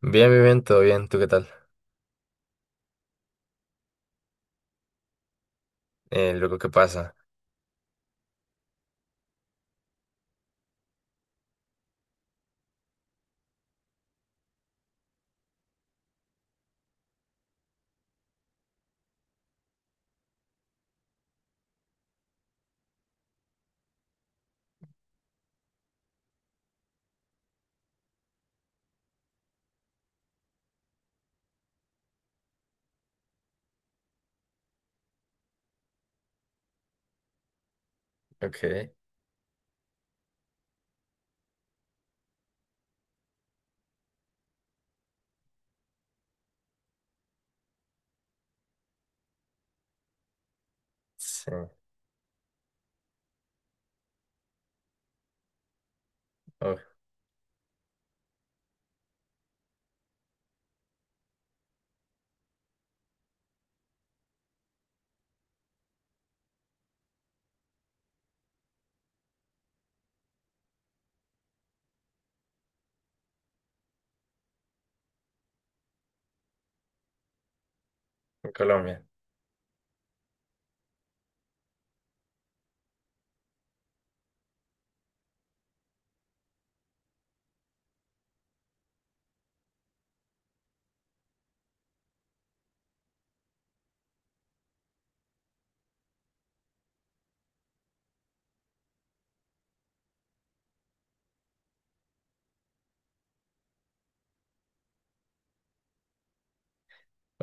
Bien, bien, bien, todo bien. ¿Tú qué tal? Luego, ¿qué pasa? Ok, sí. Oh, en Colombia.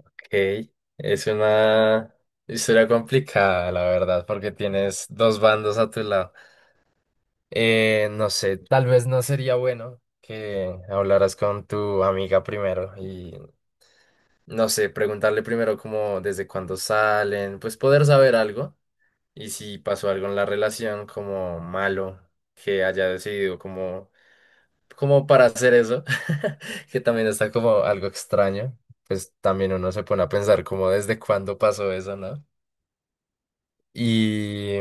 Ok. Es una historia complicada, la verdad, porque tienes dos bandos a tu lado. No sé, tal vez no sería bueno que hablaras con tu amiga primero y, no sé, preguntarle primero como desde cuándo salen, pues poder saber algo y si pasó algo en la relación como malo, que haya decidido como para hacer eso, que también está como algo extraño, pues también uno se pone a pensar como desde cuándo pasó eso, ¿no? Y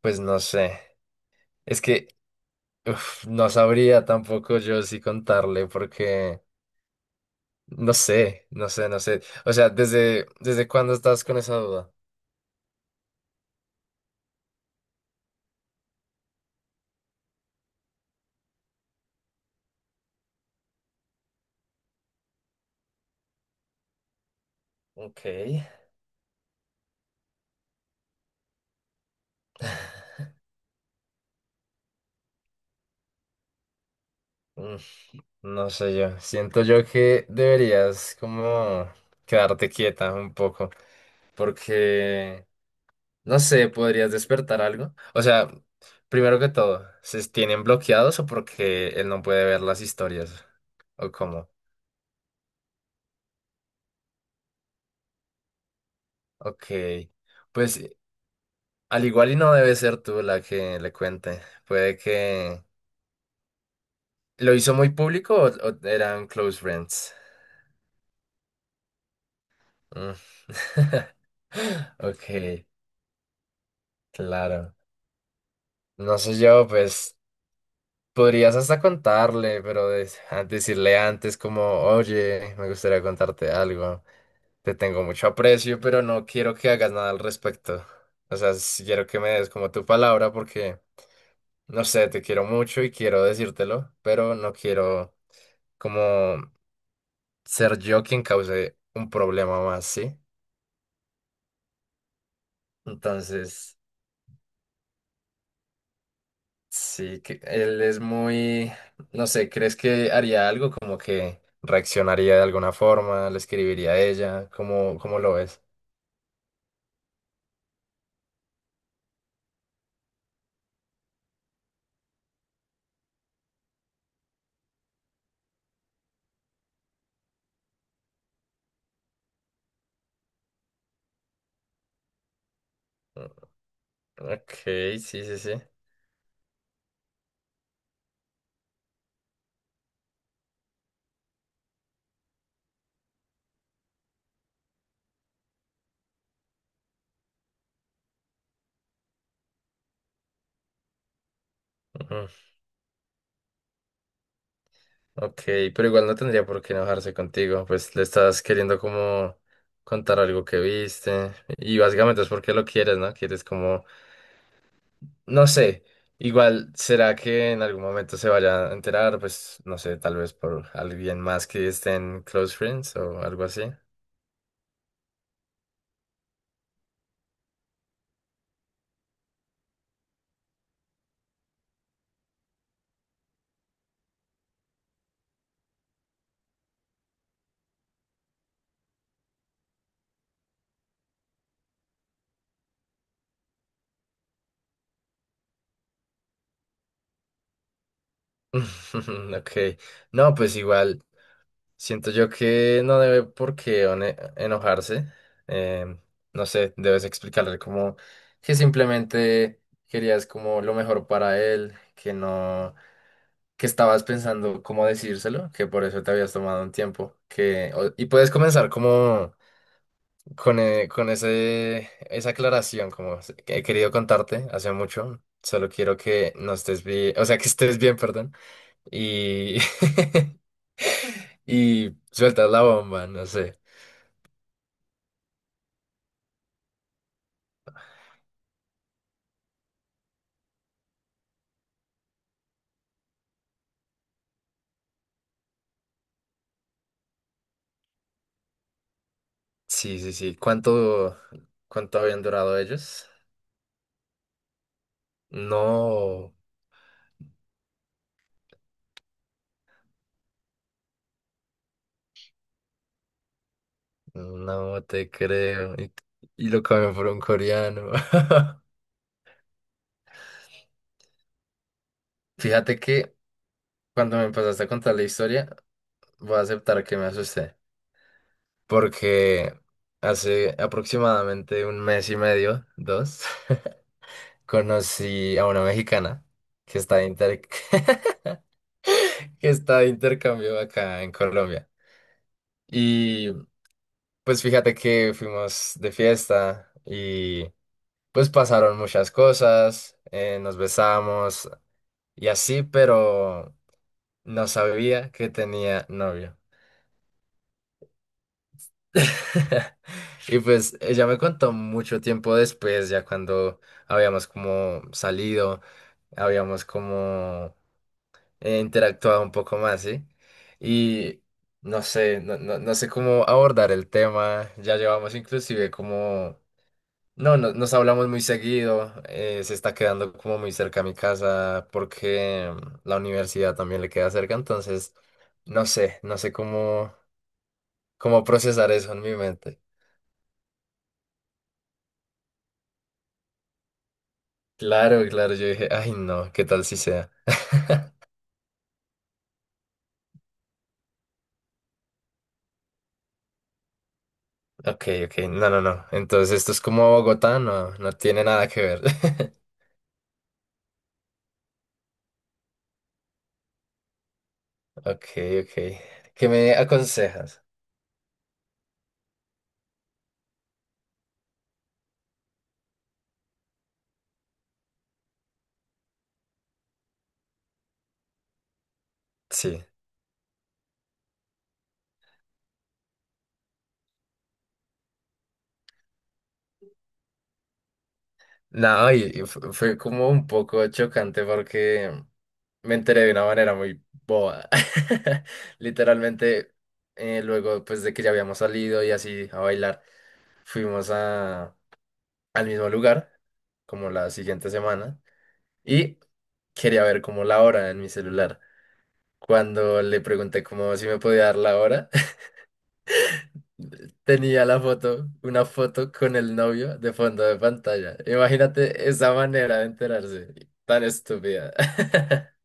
pues no sé, es que uf, no sabría tampoco yo si contarle porque no sé, no sé, no sé. O sea, ¿desde cuándo estás con esa duda? Ok, mm, no sé yo, siento yo que deberías como quedarte quieta un poco porque. No sé, ¿podrías despertar algo? O sea, primero que todo, ¿se tienen bloqueados o porque él no puede ver las historias? ¿O cómo? Ok. Pues al igual y no debe ser tú la que le cuente. Puede que. ¿Lo hizo muy público o eran Close Friends? Mm. Ok, claro. No sé yo, pues, podrías hasta contarle, pero decirle antes como, oye, me gustaría contarte algo. Te tengo mucho aprecio, pero no quiero que hagas nada al respecto. O sea, sí quiero que me des como tu palabra porque, no sé, te quiero mucho y quiero decírtelo, pero no quiero como ser yo quien cause un problema más, ¿sí? Entonces. Sí, que él es muy, no sé, ¿crees que haría algo como que reaccionaría de alguna forma, le escribiría a ella? ¿Cómo lo ves? Ok, sí, sí, sí. Ujú. Ok, pero igual no tendría por qué enojarse contigo, pues le estás queriendo como contar algo que viste y básicamente es porque lo quieres, ¿no? Quieres como, no sé, igual será que en algún momento se vaya a enterar, pues no sé, tal vez por alguien más que esté en Close Friends o algo así. Ok, no, pues igual, siento yo que no debe por qué enojarse, em, no sé, debes explicarle como que simplemente querías como lo mejor para él, que no, que estabas pensando cómo decírselo, que por eso te habías tomado un tiempo, que, y puedes comenzar como con esa aclaración, como "He querido contarte hace mucho, solo quiero que no estés bien, o sea, que estés bien, perdón. Y y sueltas la bomba, no sé. Sí, sí, sí. ¿Cuánto habían durado ellos? No, no te creo. Y lo cambió por un coreano. Fíjate que cuando me empezaste a contar la historia, voy a aceptar que me asusté. Porque hace aproximadamente un mes y medio, dos, conocí a una mexicana que está de que está de intercambio acá en Colombia. Y pues fíjate que fuimos de fiesta y pues pasaron muchas cosas, nos besamos y así, pero no sabía que tenía novio. Y pues ella me contó mucho tiempo después, ya cuando habíamos como salido, habíamos como interactuado un poco más, ¿sí? Y no sé, no, no, no sé cómo abordar el tema, ya llevamos inclusive como no, nos hablamos muy seguido. Se está quedando como muy cerca a mi casa porque la universidad también le queda cerca. Entonces, no sé, no sé cómo procesar eso en mi mente. Claro, claro, yo dije, ay, no, ¿qué tal si sea? Ok, ok, no, no, no. Entonces, esto es como Bogotá, no, no tiene nada que ver. Ok, ok. ¿Qué me aconsejas? Sí. No, y fue como un poco chocante porque me enteré de una manera muy boba. Literalmente, luego pues de que ya habíamos salido y así a bailar, fuimos al mismo lugar, como la siguiente semana, y quería ver como la hora en mi celular. Cuando le pregunté como si me podía dar la hora, tenía la foto, una foto con el novio de fondo de pantalla. Imagínate esa manera de enterarse, tan estúpida.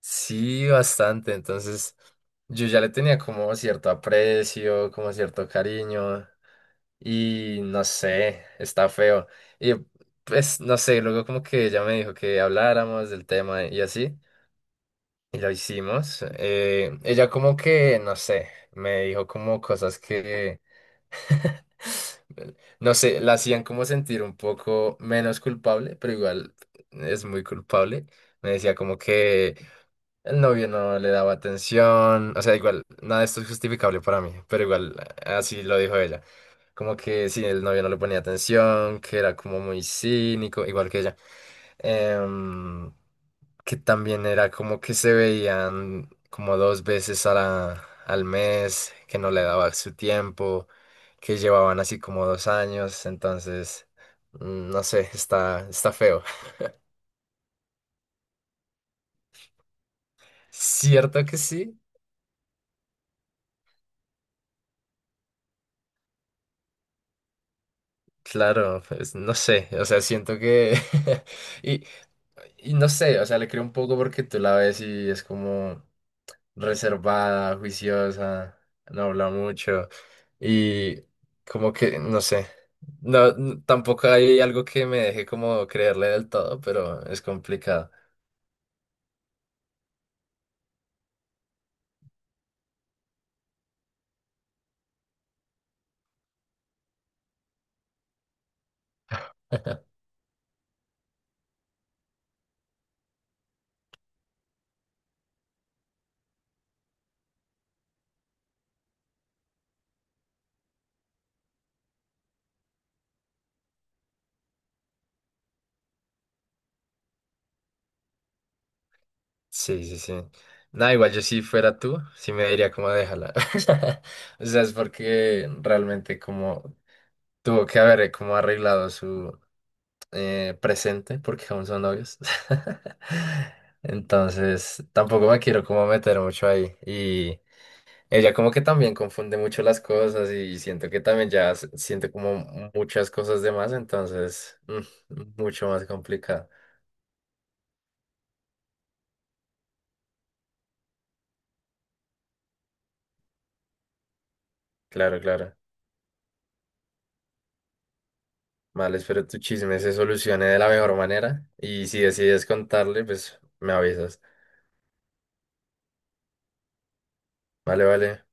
Sí, bastante. Entonces, yo ya le tenía como cierto aprecio, como cierto cariño, y no sé, está feo. Y pues, no sé, luego como que ella me dijo que habláramos del tema y así, y lo hicimos. Ella como que, no sé, me dijo como cosas que no sé, la hacían como sentir un poco menos culpable, pero igual es muy culpable. Me decía como que el novio no le daba atención, o sea, igual, nada de esto es justificable para mí, pero igual, así lo dijo ella. Como que sí, el novio no le ponía atención, que era como muy cínico, igual que ella. Em, que también era como que se veían como 2 veces al mes, que no le daba su tiempo, que llevaban así como 2 años, entonces, no sé, está feo. Cierto que sí, claro, pues no sé, o sea, siento que. y, y no sé, o sea, le creo un poco porque tú la ves y es como reservada, juiciosa, no habla mucho y como que, no sé, no, tampoco hay algo que me deje como creerle del todo, pero es complicado. Sí, sí, sí. Nada, igual yo si fuera tú, sí me diría como déjala. O sea, es porque realmente como tuvo que haber como arreglado su, presente porque aún son novios. Entonces, tampoco me quiero como meter mucho ahí. Y ella como que también confunde mucho las cosas y siento que también ya siente como muchas cosas de más, entonces, mucho más complicado. Claro, claro. Vale, espero tu chisme se solucione de la mejor manera y si decides contarle, pues me avisas. Vale, vale.